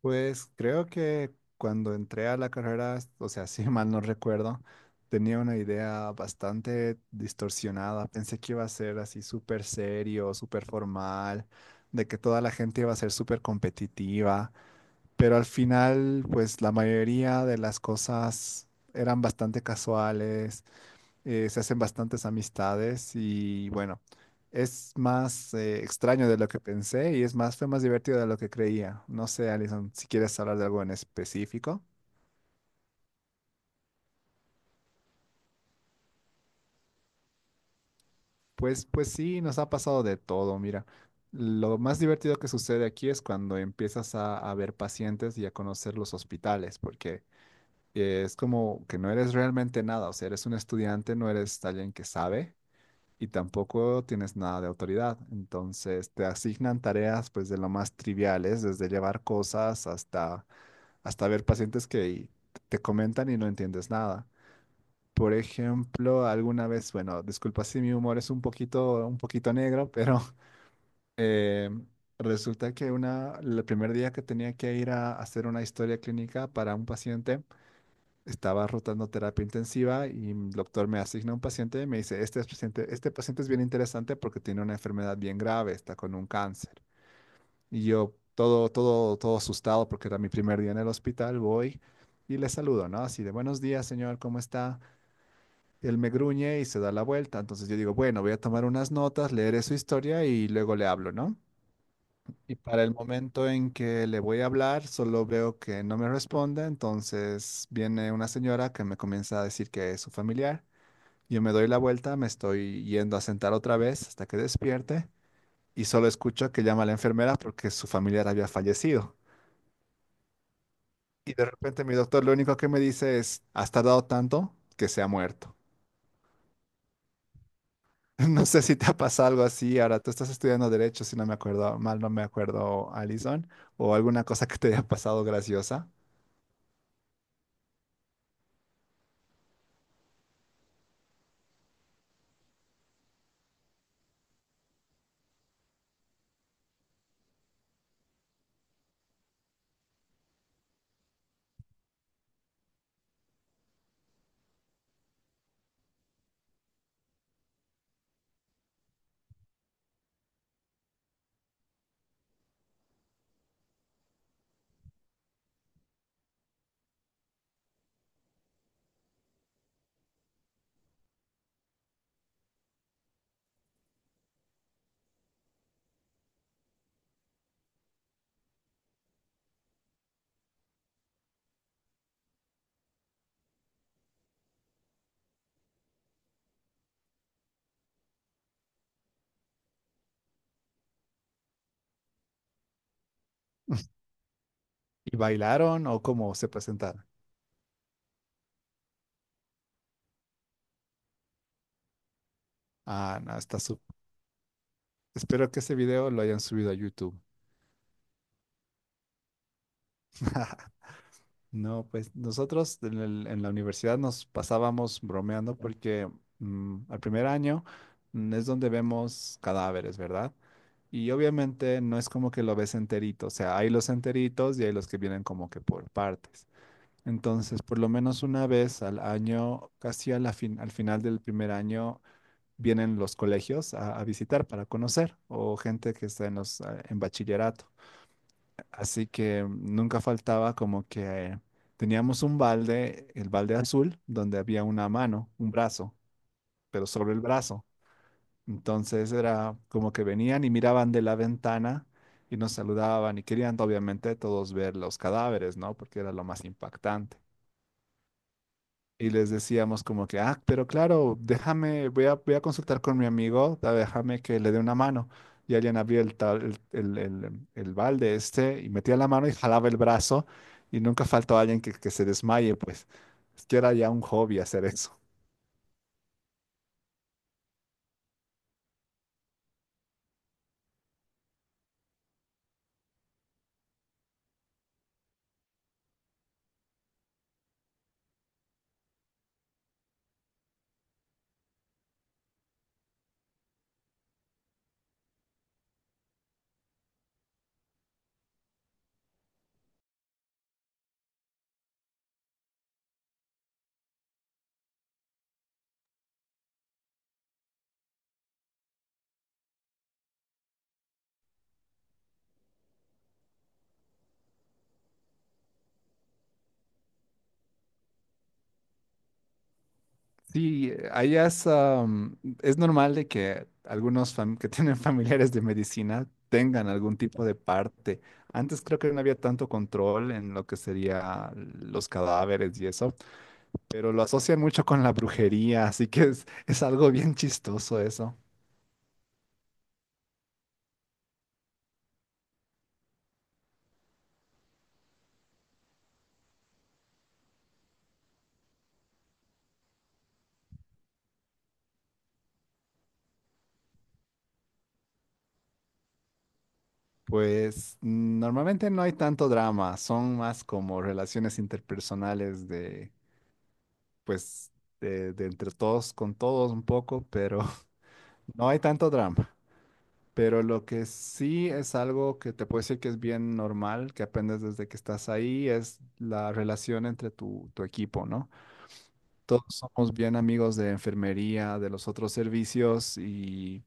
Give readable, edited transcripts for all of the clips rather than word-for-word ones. Pues creo que cuando entré a la carrera, o sea, si mal no recuerdo, tenía una idea bastante distorsionada. Pensé que iba a ser así súper serio, súper formal, de que toda la gente iba a ser súper competitiva, pero al final, pues la mayoría de las cosas eran bastante casuales. Se hacen bastantes amistades y bueno, es más extraño de lo que pensé y es más, fue más divertido de lo que creía. No sé, Alison, si quieres hablar de algo en específico. Pues sí, nos ha pasado de todo, mira. Lo más divertido que sucede aquí es cuando empiezas a ver pacientes y a conocer los hospitales, porque es como que no eres realmente nada, o sea, eres un estudiante, no eres alguien que sabe, y tampoco tienes nada de autoridad. Entonces te asignan tareas pues de lo más triviales, desde llevar cosas hasta, hasta ver pacientes que te comentan y no entiendes nada. Por ejemplo, alguna vez, bueno, disculpa si mi humor es un poquito negro, pero eh, resulta que una, el primer día que tenía que ir a hacer una historia clínica para un paciente, estaba rotando terapia intensiva y el doctor me asigna un paciente y me dice, este es paciente, este paciente es bien interesante porque tiene una enfermedad bien grave, está con un cáncer. Y yo todo, todo, todo asustado porque era mi primer día en el hospital, voy y le saludo, ¿no? Así de, buenos días, señor, ¿cómo está? Él me gruñe y se da la vuelta. Entonces yo digo, bueno, voy a tomar unas notas, leeré su historia y luego le hablo, ¿no? Y para el momento en que le voy a hablar, solo veo que no me responde, entonces viene una señora que me comienza a decir que es su familiar. Yo me doy la vuelta, me estoy yendo a sentar otra vez hasta que despierte y solo escucho que llama a la enfermera porque su familiar había fallecido. Y de repente mi doctor lo único que me dice es, has tardado tanto que se ha muerto. No sé si te ha pasado algo así. Ahora tú estás estudiando derecho, si no me acuerdo mal, no me acuerdo, Alison, o alguna cosa que te haya pasado graciosa. ¿Y bailaron o cómo se presentaron? Ah, no, está su... Espero que ese video lo hayan subido a YouTube. No, pues nosotros en, en la universidad nos pasábamos bromeando porque al primer año es donde vemos cadáveres, ¿verdad? Y obviamente no es como que lo ves enterito, o sea, hay los enteritos y hay los que vienen como que por partes. Entonces, por lo menos una vez al año, casi a la al final del primer año, vienen los colegios a visitar para conocer o gente que está en los en bachillerato. Así que nunca faltaba como que teníamos un balde, el balde azul, donde había una mano, un brazo, pero sobre el brazo. Entonces era como que venían y miraban de la ventana y nos saludaban y querían obviamente todos ver los cadáveres, ¿no? Porque era lo más impactante. Y les decíamos como que, ah, pero claro, déjame, voy a consultar con mi amigo, déjame que le dé una mano. Y alguien abría el, el balde este y metía la mano y jalaba el brazo y nunca faltó alguien que se desmaye, pues es que era ya un hobby hacer eso. Sí, allá es, es normal de que algunos que tienen familiares de medicina tengan algún tipo de parte. Antes creo que no había tanto control en lo que sería los cadáveres y eso. Pero lo asocian mucho con la brujería, así que es algo bien chistoso eso. Pues normalmente no hay tanto drama, son más como relaciones interpersonales de, pues, de entre todos con todos un poco, pero no hay tanto drama. Pero lo que sí es algo que te puedo decir que es bien normal, que aprendes desde que estás ahí, es la relación entre tu equipo, ¿no? Todos somos bien amigos de enfermería, de los otros servicios y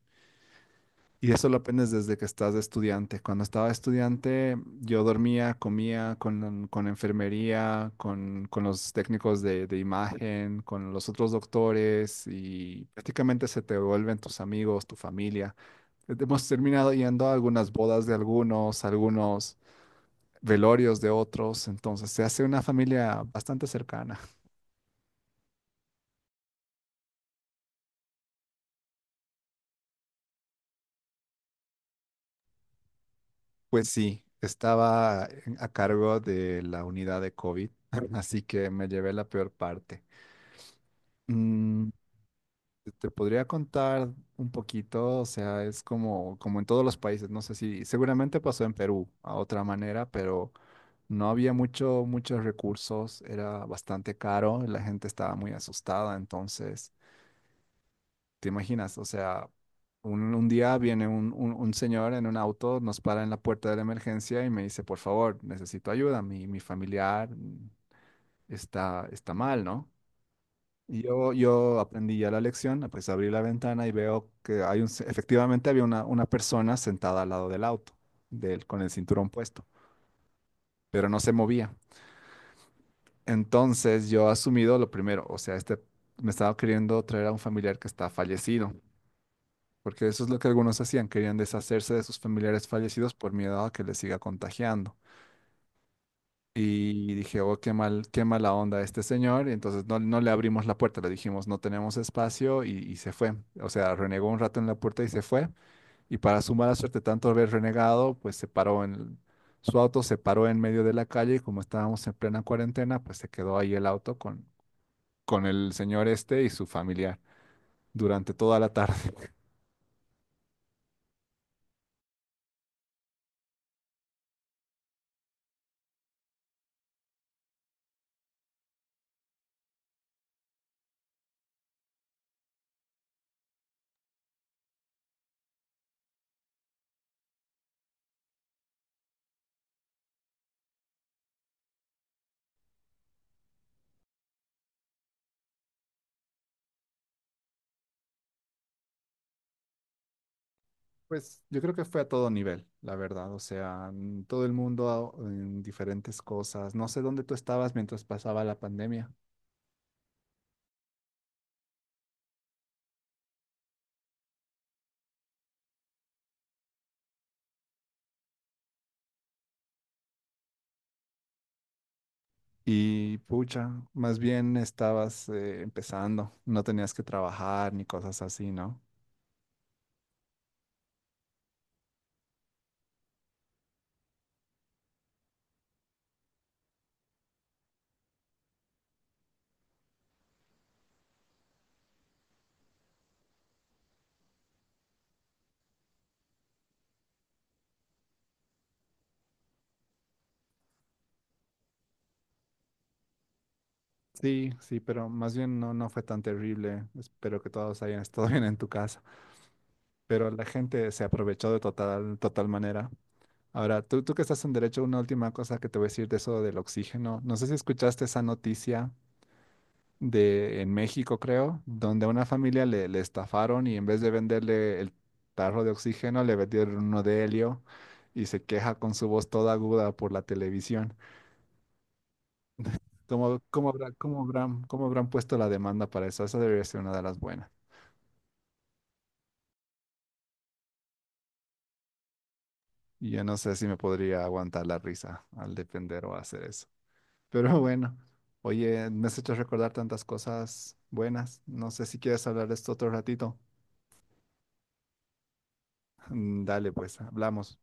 Y eso lo aprendes desde que estás de estudiante. Cuando estaba estudiante, yo dormía, comía con enfermería, con los técnicos de imagen, con los otros doctores y prácticamente se te vuelven tus amigos, tu familia. Hemos terminado yendo a algunas bodas de algunos, algunos velorios de otros, entonces se hace una familia bastante cercana. Pues sí, estaba a cargo de la unidad de COVID, así que me llevé la peor parte. Mm, Te podría contar un poquito, o sea, es como, como en todos los países, no sé si seguramente pasó en Perú a otra manera, pero no había mucho, muchos recursos, era bastante caro, la gente estaba muy asustada, entonces, ¿te imaginas? O sea, un, un día viene un señor en un auto, nos para en la puerta de la emergencia y me dice, por favor, necesito ayuda, mi familiar está, está mal, ¿no? Yo aprendí ya la lección, ah, pues abrí la ventana y veo que hay un, efectivamente había una persona sentada al lado del auto, del, con el cinturón puesto, pero no se movía. Entonces yo asumido lo primero, o sea, este me estaba queriendo traer a un familiar que está fallecido, porque eso es lo que algunos hacían, querían deshacerse de sus familiares fallecidos por miedo a que les siga contagiando. Y dije, oh, qué mal, qué mala onda este señor. Y entonces no, no le abrimos la puerta, le dijimos, no tenemos espacio y se fue. O sea, renegó un rato en la puerta y se fue. Y para su mala suerte, tanto haber renegado, pues se paró en, su auto se paró en medio de la calle y como estábamos en plena cuarentena, pues se quedó ahí el auto con el señor este y su familiar durante toda la tarde. Pues yo creo que fue a todo nivel, la verdad. O sea, todo el mundo en diferentes cosas. No sé dónde tú estabas mientras pasaba la pandemia. Y pucha, más bien estabas empezando, no tenías que trabajar ni cosas así, ¿no? Sí, sí, pero más bien no, no fue tan terrible. Espero que todos hayan estado bien en tu casa. Pero la gente se aprovechó de total, total manera. Ahora, tú que estás en derecho, una última cosa que te voy a decir de eso del oxígeno. No sé si escuchaste esa noticia de en México, creo, donde a una familia le, le estafaron y en vez de venderle el tarro de oxígeno, le vendieron uno de helio y se queja con su voz toda aguda por la televisión. ¿Cómo, cómo habrán puesto la demanda para eso? Esa debería ser una de las buenas. Y yo no sé si me podría aguantar la risa al defender o hacer eso. Pero bueno, oye, me has hecho recordar tantas cosas buenas. No sé si quieres hablar de esto otro ratito. Dale, pues, hablamos.